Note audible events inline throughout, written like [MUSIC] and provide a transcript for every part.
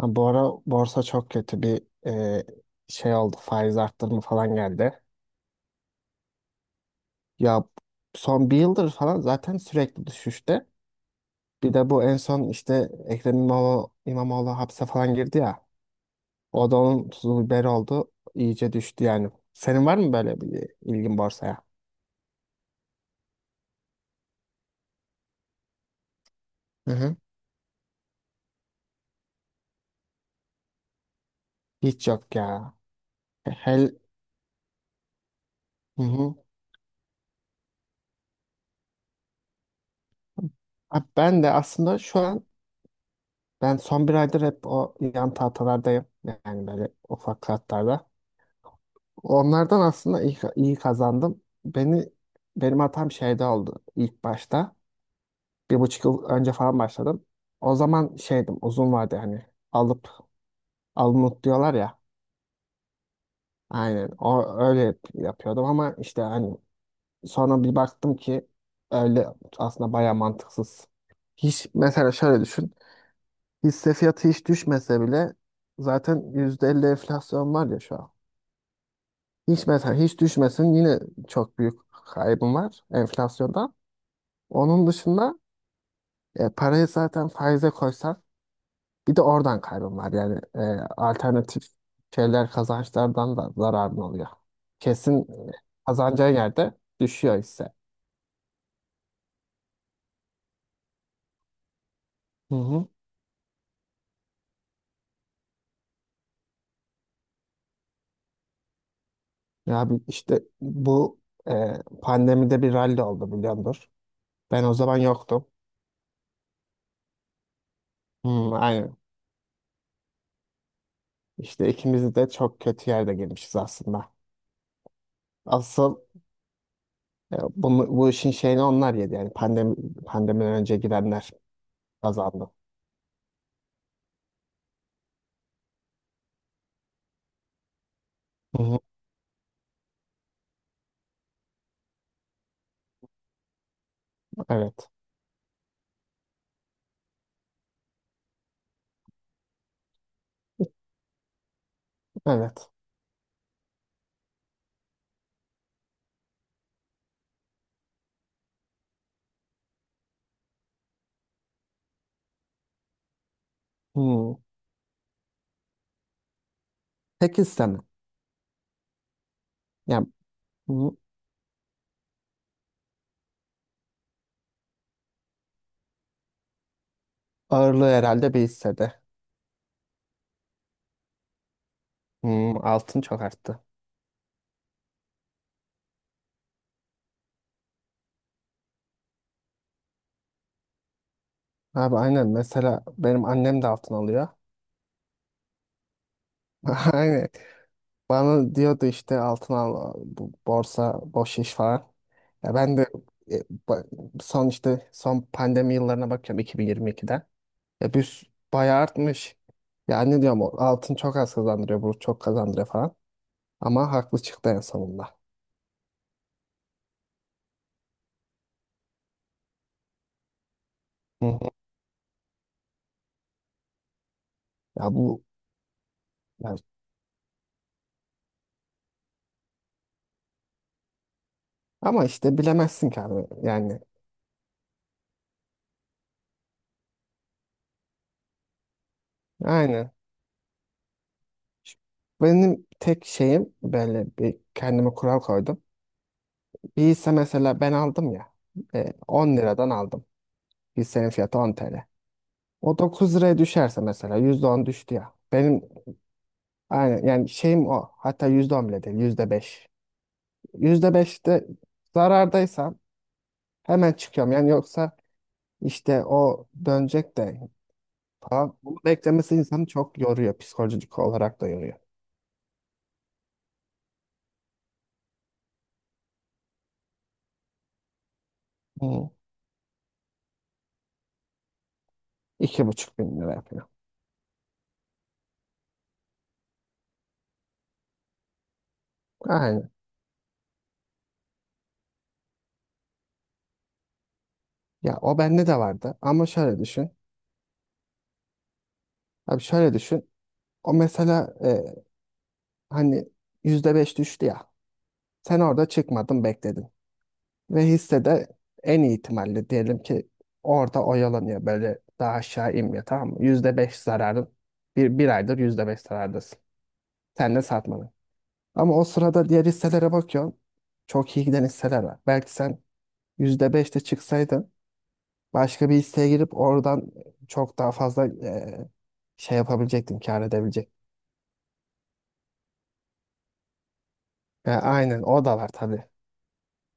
Ha, bu ara borsa çok kötü bir e, şey oldu. Faiz arttırımı falan geldi. Ya son bir yıldır falan zaten sürekli düşüşte. Bir de bu en son işte Ekrem İmamoğlu hapse falan girdi ya. O da onun tuzu biberi oldu. İyice düştü yani. Senin var mı böyle bir ilgin borsaya? Hı hı. Hiç yok ya. Hel hı hı. Ha, ben de aslında şu an ben son bir aydır hep o yan tahtalardayım. Yani böyle ufak kağıtlarda. Onlardan aslında iyi, iyi kazandım. Benim hatam şeyde oldu ilk başta. 1,5 yıl önce falan başladım. O zaman şeydim uzun vardı hani alıp alınıp diyorlar ya. Aynen o öyle yapıyordum ama işte hani sonra bir baktım ki öyle aslında baya mantıksız. Hiç mesela şöyle düşün. Hisse fiyatı hiç düşmese bile zaten %50 enflasyon var ya şu an. Hiç mesela hiç düşmesin yine çok büyük kaybım var enflasyonda. Onun dışında parayı zaten faize koysan bir de oradan kaybın var. Yani alternatif şeyler kazançlardan da zararın oluyor. Kesin e, kazanacağın yerde düşüyor hisse. Hı hı. Ya işte bu e, pandemide bir rally oldu biliyordur. Ben o zaman yoktum. Hı, aynen. İşte ikimiz de çok kötü yerde girmişiz aslında. Asıl bu işin şeyini onlar yedi. Yani pandemiden önce girenler kazandı. Hı hı. Evet. Evet. Hmm. Tek hisse mi? Yani bu ağırlığı herhalde bir hissede. Hmm, altın çok arttı. Abi aynen mesela benim annem de altın alıyor. [LAUGHS] Aynen. Bana diyordu işte altın al bu borsa boş iş falan. Ya ben de e, ba- son işte son pandemi yıllarına bakıyorum 2022'den. Ya bayağı artmış. Ya anne diyorum o altın çok az kazandırıyor bu çok kazandırıyor falan. Ama haklı çıktı en sonunda. Hı hı. Ya ya- ama işte bilemezsin ki abi yani. Aynen. Benim tek şeyim böyle bir kendime kural koydum. Bir hisse mesela ben aldım ya 10 liradan aldım. Hissenin fiyatı 10 TL. O 9 liraya düşerse mesela %10 düştü ya. Benim aynen yani şeyim o. Hatta %10 bile değil %5. Yüzde beşte zarardaysam hemen çıkıyorum. Yani yoksa işte o dönecek de falan. Bunu beklemesi insanı çok yoruyor. Psikolojik olarak da yoruyor. Hı. İki buçuk bin lira yapıyor. Aynen. Ya o bende de vardı ama şöyle düşün. Abi şöyle düşün. O mesela hani %5 düştü ya. Sen orada çıkmadın bekledin. Ve hissede en iyi ihtimalle diyelim ki orada oyalanıyor böyle daha aşağı inmiyor tamam mı? %5 zararın. Bir aydır %5 zarardasın. Sen de satmadın. Ama o sırada diğer hisselere bakıyorsun. Çok iyi giden hisseler var. Belki sen %5'te çıksaydın başka bir hisseye girip oradan çok daha fazla şey yapabilecektin, kâr edebilecektin. Ya aynen o da var tabii.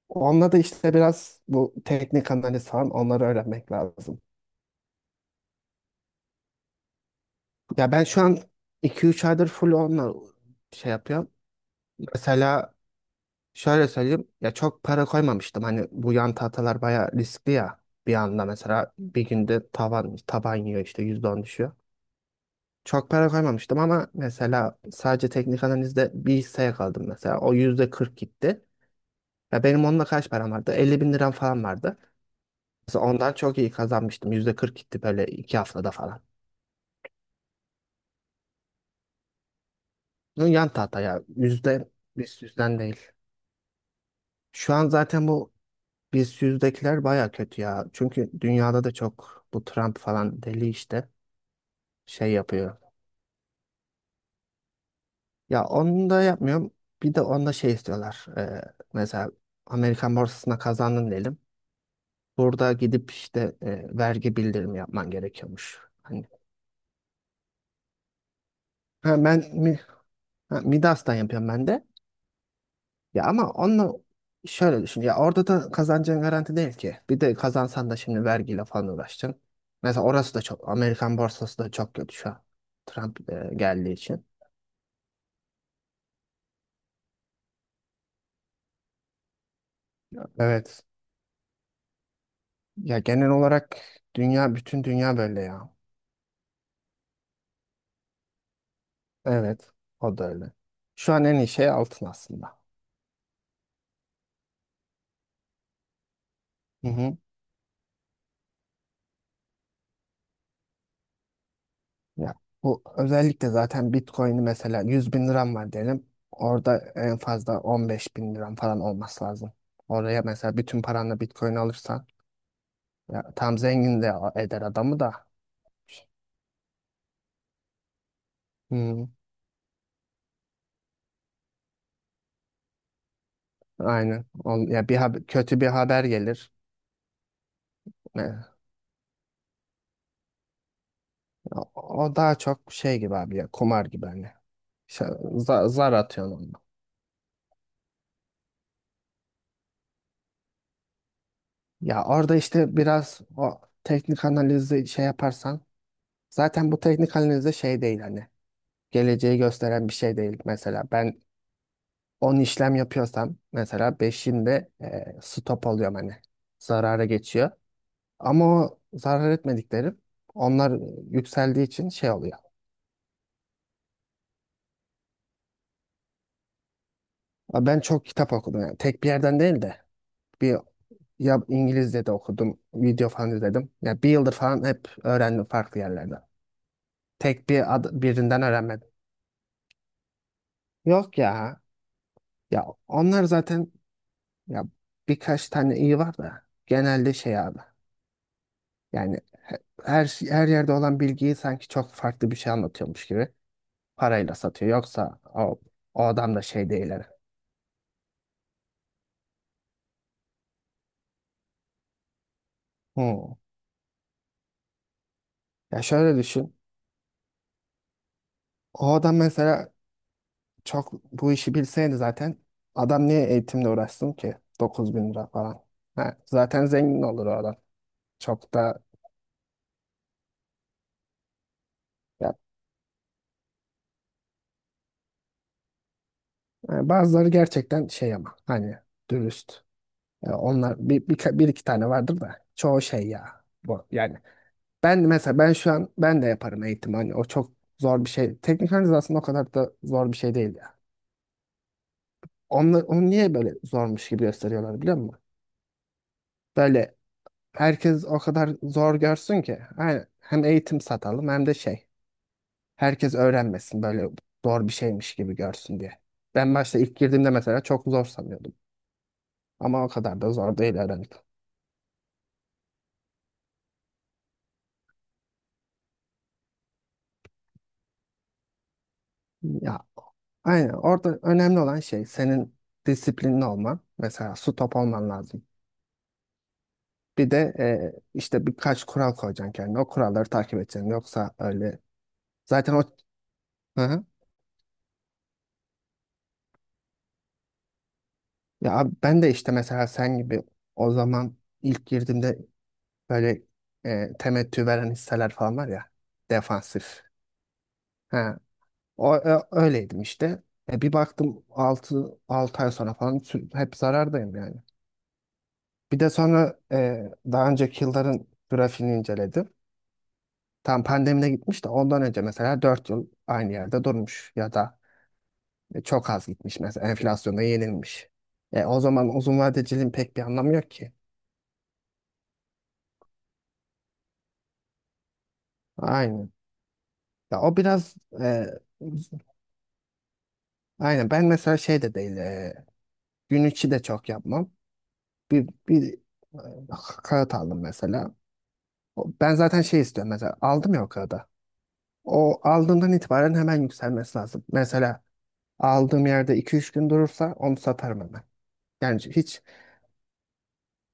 Onunla da işte biraz bu teknik analiz falan onları öğrenmek lazım. Ya ben şu an iki üç aydır full onunla şey yapıyorum. Mesela şöyle söyleyeyim. Ya çok para koymamıştım. Hani bu yan tahtalar bayağı riskli ya. Bir anda mesela bir günde tavan taban yiyor işte %10 düşüyor. Çok para koymamıştım ama mesela sadece teknik analizde bir hisseye kaldım mesela. O %40 gitti. Ya benim onunla kaç param vardı? 50 bin liram falan vardı. Mesela ondan çok iyi kazanmıştım. %40 gitti böyle 2 haftada falan. Bunun yan tahta ya. Biz yüzden değil. Şu an zaten bu biz yüzdekiler baya kötü ya. Çünkü dünyada da çok bu Trump falan deli işte şey yapıyor. Ya onu da yapmıyorum. Bir de onda şey istiyorlar. Mesela Amerikan borsasına kazandın diyelim. Burada gidip işte vergi bildirimi yapman gerekiyormuş. Hani ha, Midas'tan yapıyorum ben de. Ya ama onunla şöyle düşün. Ya orada da kazancın garanti değil ki. Bir de kazansan da şimdi vergiyle falan uğraşacaksın. Mesela orası da Amerikan borsası da çok kötü şu an. Trump geldiği için. Evet. Ya genel olarak bütün dünya böyle ya. Evet. O da öyle. Şu an en iyi şey altın aslında. Hı hı. Ya bu özellikle zaten Bitcoin'i mesela 100 bin liram var diyelim. Orada en fazla 15 bin liram falan olması lazım. Oraya mesela bütün paranla Bitcoin alırsan ya, tam zengin de eder adamı da. Hmm, aynen. Ya kötü bir haber gelir. Ne- O, o daha çok şey gibi abi ya kumar gibi hani. Şey, zar atıyorsun onunla. Ya orada işte biraz o teknik analizi şey yaparsan zaten bu teknik analiz de şey değil hani. Geleceği gösteren bir şey değil. Mesela ben 10 işlem yapıyorsam mesela 5'inde stop oluyorum hani. Zarara geçiyor. Ama o zarar etmediklerim onlar yükseldiği için şey oluyor. Ben çok kitap okudum yani. Tek bir yerden değil de bir ya İngilizce de okudum, video falan izledim. Ya bir yıldır falan hep öğrendim farklı yerlerden. Tek bir birinden öğrenmedim. Yok ya. Ya onlar zaten ya birkaç tane iyi var da genelde şey abi. Yani her yerde olan bilgiyi sanki çok farklı bir şey anlatıyormuş gibi parayla satıyor. Yoksa o adam da şey değil hani. Hmm. Ya şöyle düşün. O adam mesela çok bu işi bilseydi zaten adam niye eğitimle uğraşsın ki? 9000 bin lira falan. Ha, zaten zengin olur o adam. Çok da ya, yani bazıları gerçekten şey ama hani dürüst. Ya onlar bir iki tane vardır da çoğu şey ya. Bu, yani ben mesela ben şu an ben de yaparım eğitim hani o çok zor bir şey. Teknik analiz aslında o kadar da zor bir şey değil ya. Onu niye böyle zormuş gibi gösteriyorlar biliyor musun? Böyle herkes o kadar zor görsün ki. Aynen. Hem eğitim satalım hem de şey. Herkes öğrenmesin böyle zor bir şeymiş gibi görsün diye. Ben başta ilk girdiğimde mesela çok zor sanıyordum. Ama o kadar da zor değil öğrendim. Ya aynen orada önemli olan şey senin disiplinli olman. Mesela su top olman lazım. Bir de işte birkaç kural koyacaksın kendine. O kuralları takip edeceksin. Yoksa öyle zaten o... Hı hı. Ya abi ben de işte mesela sen gibi o zaman ilk girdiğimde böyle temettü veren hisseler falan var ya. Defansif. Ha, öyleydim işte. Bir baktım 6 ay sonra falan hep zarardayım yani. Bir de sonra daha önceki yılların grafiğini inceledim. Tam pandemide gitmiş de ondan önce mesela 4 yıl aynı yerde durmuş ya da çok az gitmiş mesela enflasyonda yenilmiş. O zaman uzun vadeciliğin pek bir anlamı yok ki. Aynen. Ya o biraz e, aynen ben mesela şey de değil gün içi de çok yapmam. Bir kağıt aldım mesela. Ben zaten şey istiyorum mesela aldım ya o kağıdı. O aldığımdan itibaren hemen yükselmesi lazım. Mesela aldığım yerde iki üç gün durursa onu satarım hemen. Yani hiç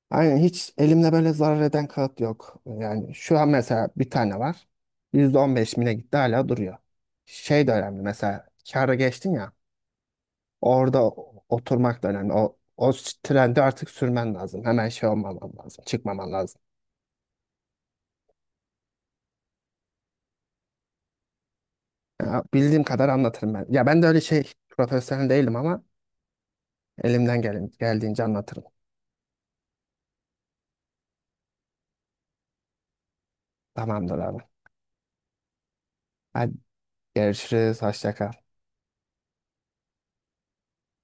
aynen hiç elimde böyle zarar eden kağıt yok. Yani şu an mesela bir tane var. %15 mine gitti hala duruyor. Şey de önemli mesela kâra geçtin ya orada oturmak da önemli. O trendi artık sürmen lazım. Hemen şey olmaman lazım. Çıkmaman lazım. Ya, bildiğim kadar anlatırım ben. Ya ben de öyle şey profesyonel değilim ama elimden geldiğince anlatırım. Tamamdır abi. Hadi görüşürüz. Hoşça kal.